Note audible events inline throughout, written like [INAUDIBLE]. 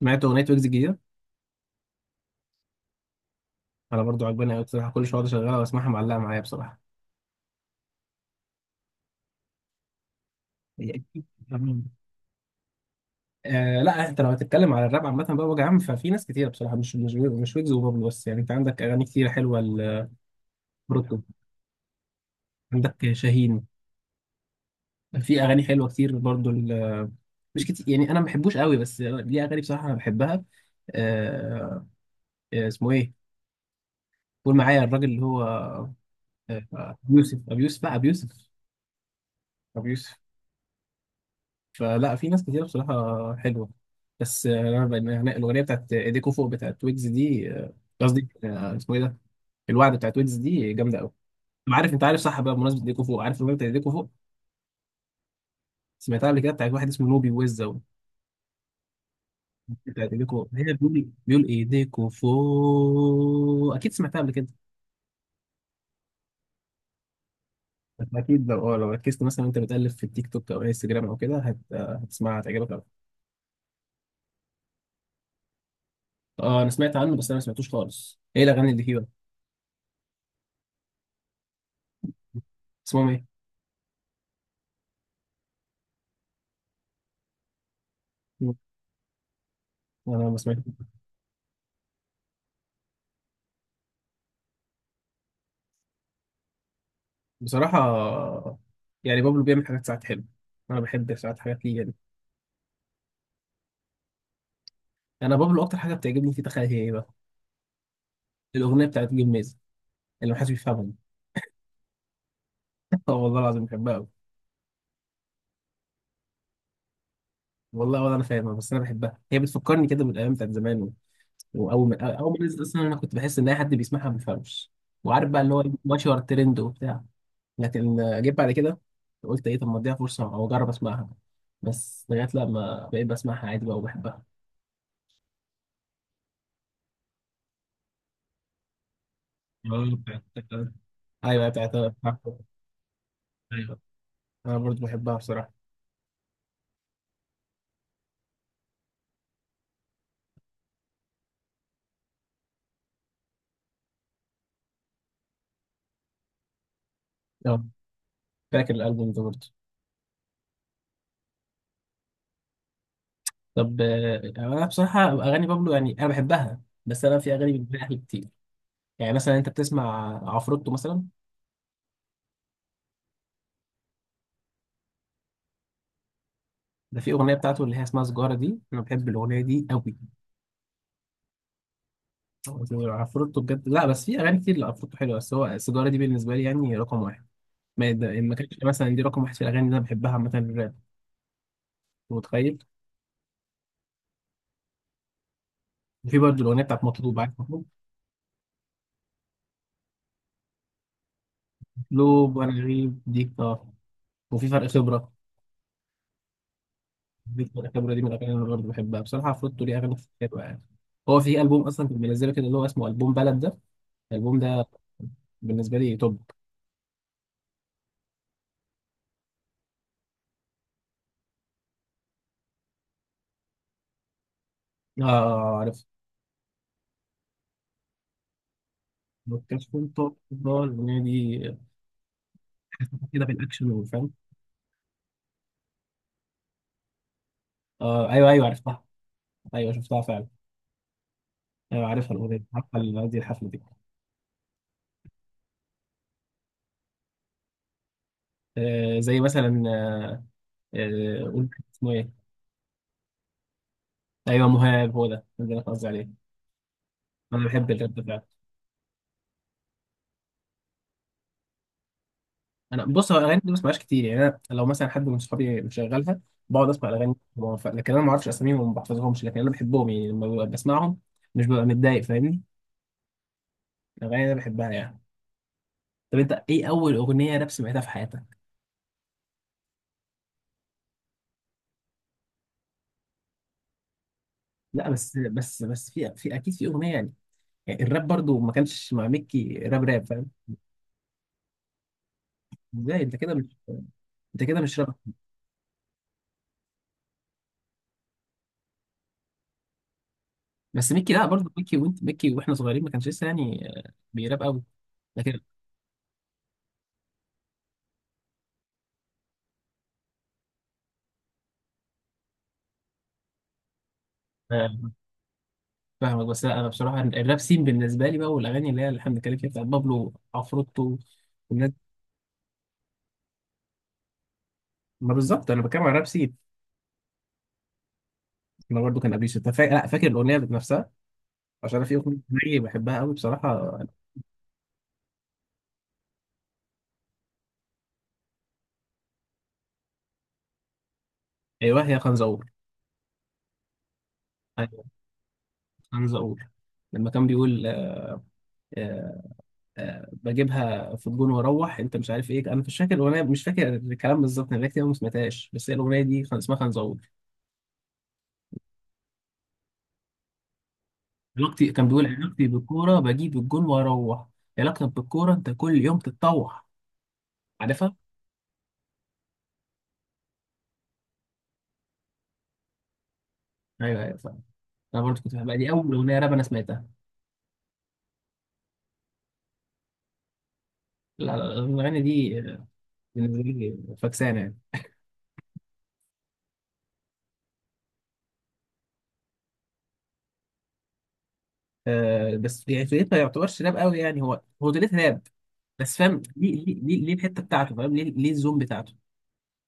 سمعت اغنيه ويجز الجديده. انا برضو عجباني قوي بصراحه، كل شويه أقعد اشغلها واسمعها، معلقه معايا بصراحه. هي أكيد. تمام. آه لا، انت لو هتتكلم على الراب عامه بقى وجه عام، ففي ناس كتير بصراحه مش ويجز وبابلو بس، يعني انت عندك اغاني كتير حلوه. لبروتو. عندك شاهين، في اغاني حلوه كتير برضو مش كتير، يعني انا ما بحبوش قوي بس ليه اغاني بصراحه انا بحبها. آه. اسمه ايه؟ قول معايا الراجل اللي هو ابو يوسف. ابو يوسف لا ابو يوسف. ابو يوسف. فلا في ناس كتير بصراحة حلوة. بس أنا بقى يعني الأغنية بتاعت إيديكو فوق بتاعت ويجز دي، قصدي اسمه إيه ده؟ الوعد بتاعت ويجز دي جامدة أوي. أنا عارف أنت عارف صح بقى، بمناسبة إيديكو فوق، عارف الأغنية بتاعت إيديكو فوق سمعتها قبل كده بتاعت واحد اسمه نوبي ويزا؟ بتاعت إيديكو فوق، هي بيقول إيه؟ بيقول إيديكو فوق، أكيد سمعتها قبل كده. أكيد لو أه لو ركزت مثلا وأنت بتقلب في التيك توك أو انستجرام أو كده هت... آه، هتسمعها، هتعجبك أوي. أه أنا سمعت عنه بس أنا ما سمعتوش خالص، إيه الأغاني اللي فيه بقى؟ اسمهم إيه؟ مم. أنا ما سمعتش. بصراحة يعني بابلو بيعمل حاجات ساعات حلوة، أنا بحب ساعات حاجات ليه يعني. أنا بابلو أكتر حاجة بتعجبني فيه تخيل هي إيه بقى؟ الأغنية بتاعت جميز اللي محدش بيفهمها. [LAUGHS] آه والله العظيم بحبها أوي. والله ولا أنا فاهمها بس أنا بحبها، هي بتفكرني كده بالأيام بتاعت زمان وأول ما نزلت أصلا، أنا كنت بحس إن أي حد بيسمعها ما بيفهمش وعارف بقى اللي هو ماشي ورا الترند وبتاع. لكن جيت بعد كده قلت إيه، طب ما أديها فرصة أو أجرب أسمعها، بس لغاية لما بقيت بسمعها عادي بقى وبحبها. اه بتاعت. أيوه بتاعت انا برضو بحبها بصراحه. اه فاكر الالبوم ده برضو. طب انا بصراحه اغاني بابلو يعني انا بحبها، بس انا في اغاني بالنسبه لي احلى كتير. يعني مثلا انت بتسمع عفروتو مثلا؟ ده في اغنيه بتاعته اللي هي اسمها سجاره دي، انا بحب الاغنيه دي قوي. عفروتو بجد، لا بس في اغاني كتير لعفروتو حلوه، بس هو سجاره دي بالنسبه لي يعني رقم واحد. ما كانش مثلا دي رقم واحد في الاغاني اللي انا بحبها مثلا الراب. أنت متخيل؟ وفي برضو الاغنيه بتاعت مطلوب، عارف مطلوب؟ مطلوب وانا غريب دي. اه. وفي فرق خبره. الخبرة دي من الأغاني اللي أنا برضه بحبها بصراحة، عفروتو ليه أغاني كتير حلوة يعني. هو في ألبوم أصلا كنت منزله كده اللي هو اسمه ألبوم بلد ده، الألبوم ده بالنسبة لي توب. آه عارف. كشكول توب ده الأغنية دي، كده بالأكشن والفن. آه أيوه أيوه، عرفتها. أيوه شفتها فعلا. أيوه عارفها الأغنية دي، عارفة قصدي الحفلة دي. آه زي مثلا قول اسمه إيه. أيوه مهاب، هو ده ده اللي أنا قصدي عليه، أنا بحب الراب ده فعلا. انا بص، هو الاغاني دي ما بسمعهاش كتير، يعني انا لو مثلا حد من صحابي مشغلها بقعد اسمع الاغاني دي، هو لكن انا ما اعرفش اساميهم وما بحفظهمش، لكن انا بحبهم يعني لما ببقى بسمعهم، مش ببقى متضايق، فاهمني؟ الاغاني انا بحبها يعني. طب انت ايه اول اغنيه راب سمعتها في حياتك؟ لا بس في اكيد في اغنيه يعني، يعني الراب برضو ما كانش مع ميكي راب راب، فاهم؟ ازاي انت كده مش، انت كده مش راب؟ بس ميكي لا، برضو ميكي وانت ميكي واحنا صغيرين ما كانش لسه يعني بيراب قوي. لكن فاهمك، بس لا، انا بصراحه الراب سين بالنسبه لي بقى، والاغاني اللي هي اللي احنا بنتكلم فيها بتاعت بابلو، عفروتو والناس. ما بالظبط انا بتكلم على راب سين. انا برضو كان قبل انت لا فاكر الاغنيه ذات نفسها، عشان انا في اغنيه زيي بحبها قوي بصراحه. ايوه هي خنزقور. ايوه خنزقور لما كان بيقول آه، بجيبها في الجون واروح، انت مش عارف ايه، انا مش فاكر الاغنيه، مش فاكر الكلام بالظبط، انا بقالي كتير أوي ما سمعتهاش، بس هي الاغنيه دي كان اسمها خنزقور. علاقتي، كان بيقول علاقتي بالكوره بجيب الجون واروح، علاقتك بالكوره انت كل يوم تتطوح. عارفها. ايوه ايوه فاهم. انا برضه كنت بحبها، دي اول اغنيه راب انا سمعتها. لا لا، الاغنيه دي بالنسبه لي فكسانه يعني. أه بس يعني فكرتها ما يعتبرش راب قوي يعني، هو، هو توليت راب بس، فاهم ليه الحته بتاعته، فاهم ليه الزوم بتاعته.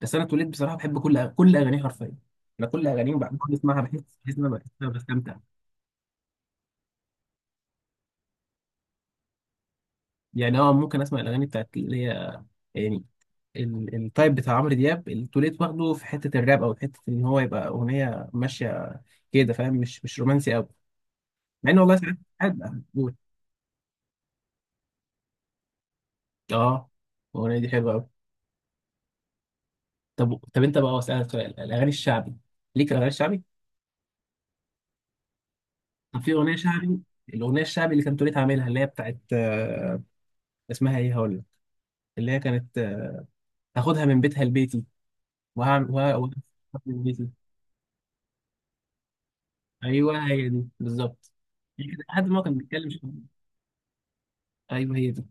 بس انا توليت بصراحه بحب كل كل اغانيه حرفيا، انا كل اغانيه وبعد كل اسمعها بحس ان انا بحس إن أنا بستمتع. يعني اه ممكن اسمع الاغاني بتاعت اللي هي يعني التايب بتاع عمرو دياب اللي توليت واخده في حته الراب، او حته ان هو يبقى اغنيه ماشيه كده، فاهم؟ مش رومانسي قوي، مع ان والله ساعات ساعات بقى بقول اه. الاغنيه دي حلوه قوي. طب طب انت بقى، اسالك سؤال، الاغاني الشعبي ليك الاغاني الشعبي؟ طب في اغنيه شعبي، الاغنيه الشعبي اللي كانت تريد عاملها اللي هي بتاعت، اسمها ايه، هقول لك اللي هي كانت هاخدها من بيتها لبيتي، وهعمل من بيتي. ايوه هي دي بالظبط، يعني كده لحد ما هو كان بيتكلم شعبي. ايوه هي دي،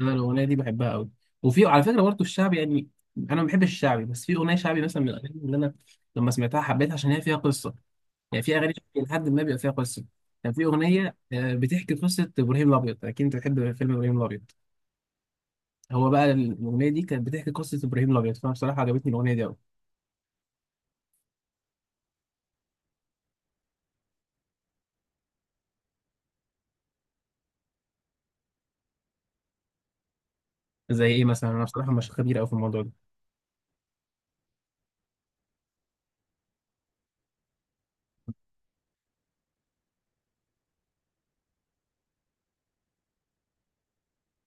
انا الاغنيه دي بحبها قوي. وفي على فكره برضه الشعبي يعني، انا ما بحبش الشعبي بس في اغنيه شعبي مثلا من الاغاني اللي انا لما سمعتها حبيتها عشان هي فيها قصه، يعني في اغاني لحد ما بيبقى فيها قصه، كان في اغنيه بتحكي قصه ابراهيم الابيض، اكيد انت بتحب فيلم ابراهيم الابيض، هو بقى الاغنيه دي كانت بتحكي قصه ابراهيم الابيض، فانا بصراحه عجبتني الاغنيه دي قوي. زي ايه مثلا، انا بصراحه مش خبير قوي في الموضوع ده.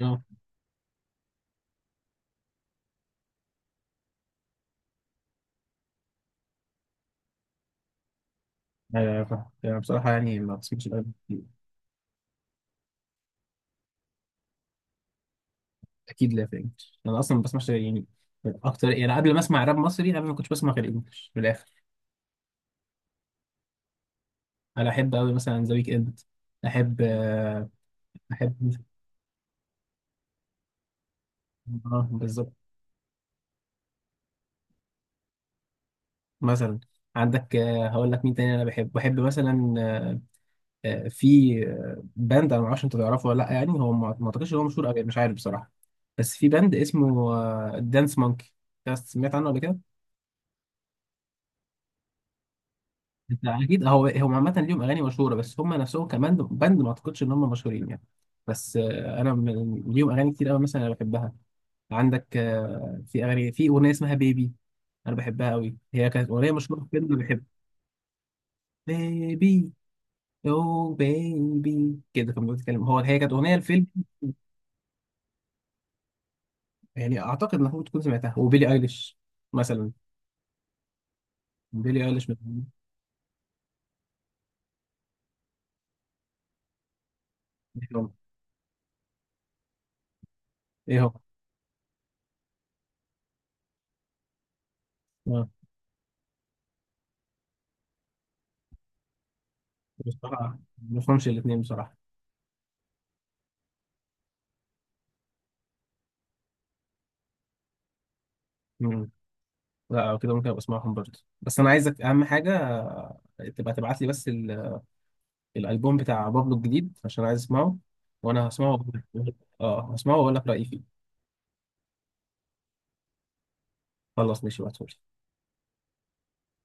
اه. انا بصراحه يعني ما بسمعش راب كتير. اكيد لا فاهم، انا اصلا ما بسمعش يعني اكتر، يعني قبل ما اسمع راب مصري قبل ما كنتش بسمع غير انجلش في الاخر. انا احب قوي مثلا ذا ويك اند. احب احب بالظبط. مثلا عندك هقول لك مين تاني، انا بحب مثلا في باند، انا ما اعرفش انت تعرفه ولا لا يعني، هو ما اعتقدش ان هو مشهور قوي، مش عارف بصراحه، بس في باند اسمه دانس مونكي. سمعت عنه قبل كده؟ انت اكيد، هو هم عامه ليهم اغاني مشهوره، بس هم نفسهم كمان باند ما اعتقدش ان هم مشهورين يعني. بس انا ليهم اغاني كتير قوي مثلا انا بحبها. عندك في اغاني، في اغنيه اسمها بيبي، انا بحبها قوي، هي كانت اغنيه مشهوره في فيلم بحب. بيبي، يو بيبي كده كان بيتكلم، هو هي كانت اغنيه الفيلم، يعني اعتقد انك ممكن تكون سمعتها. وبيلي ايليش مثلا. بيلي ايليش من. ايه هو ايه هو؟ آه. بصراحه ما بفهمش الاثنين بصراحه. مم. لا أو كده، ممكن ابقى اسمعهم برضه، بس انا عايزك اهم حاجه تبقى تبعت لي بس الالبوم بتاع بابلو الجديد عشان عايز اسمعه، وانا هسمعه وأقول لك. اه هسمعه واقول لك رايي فيه. خلاص ماشي، بعتهولي.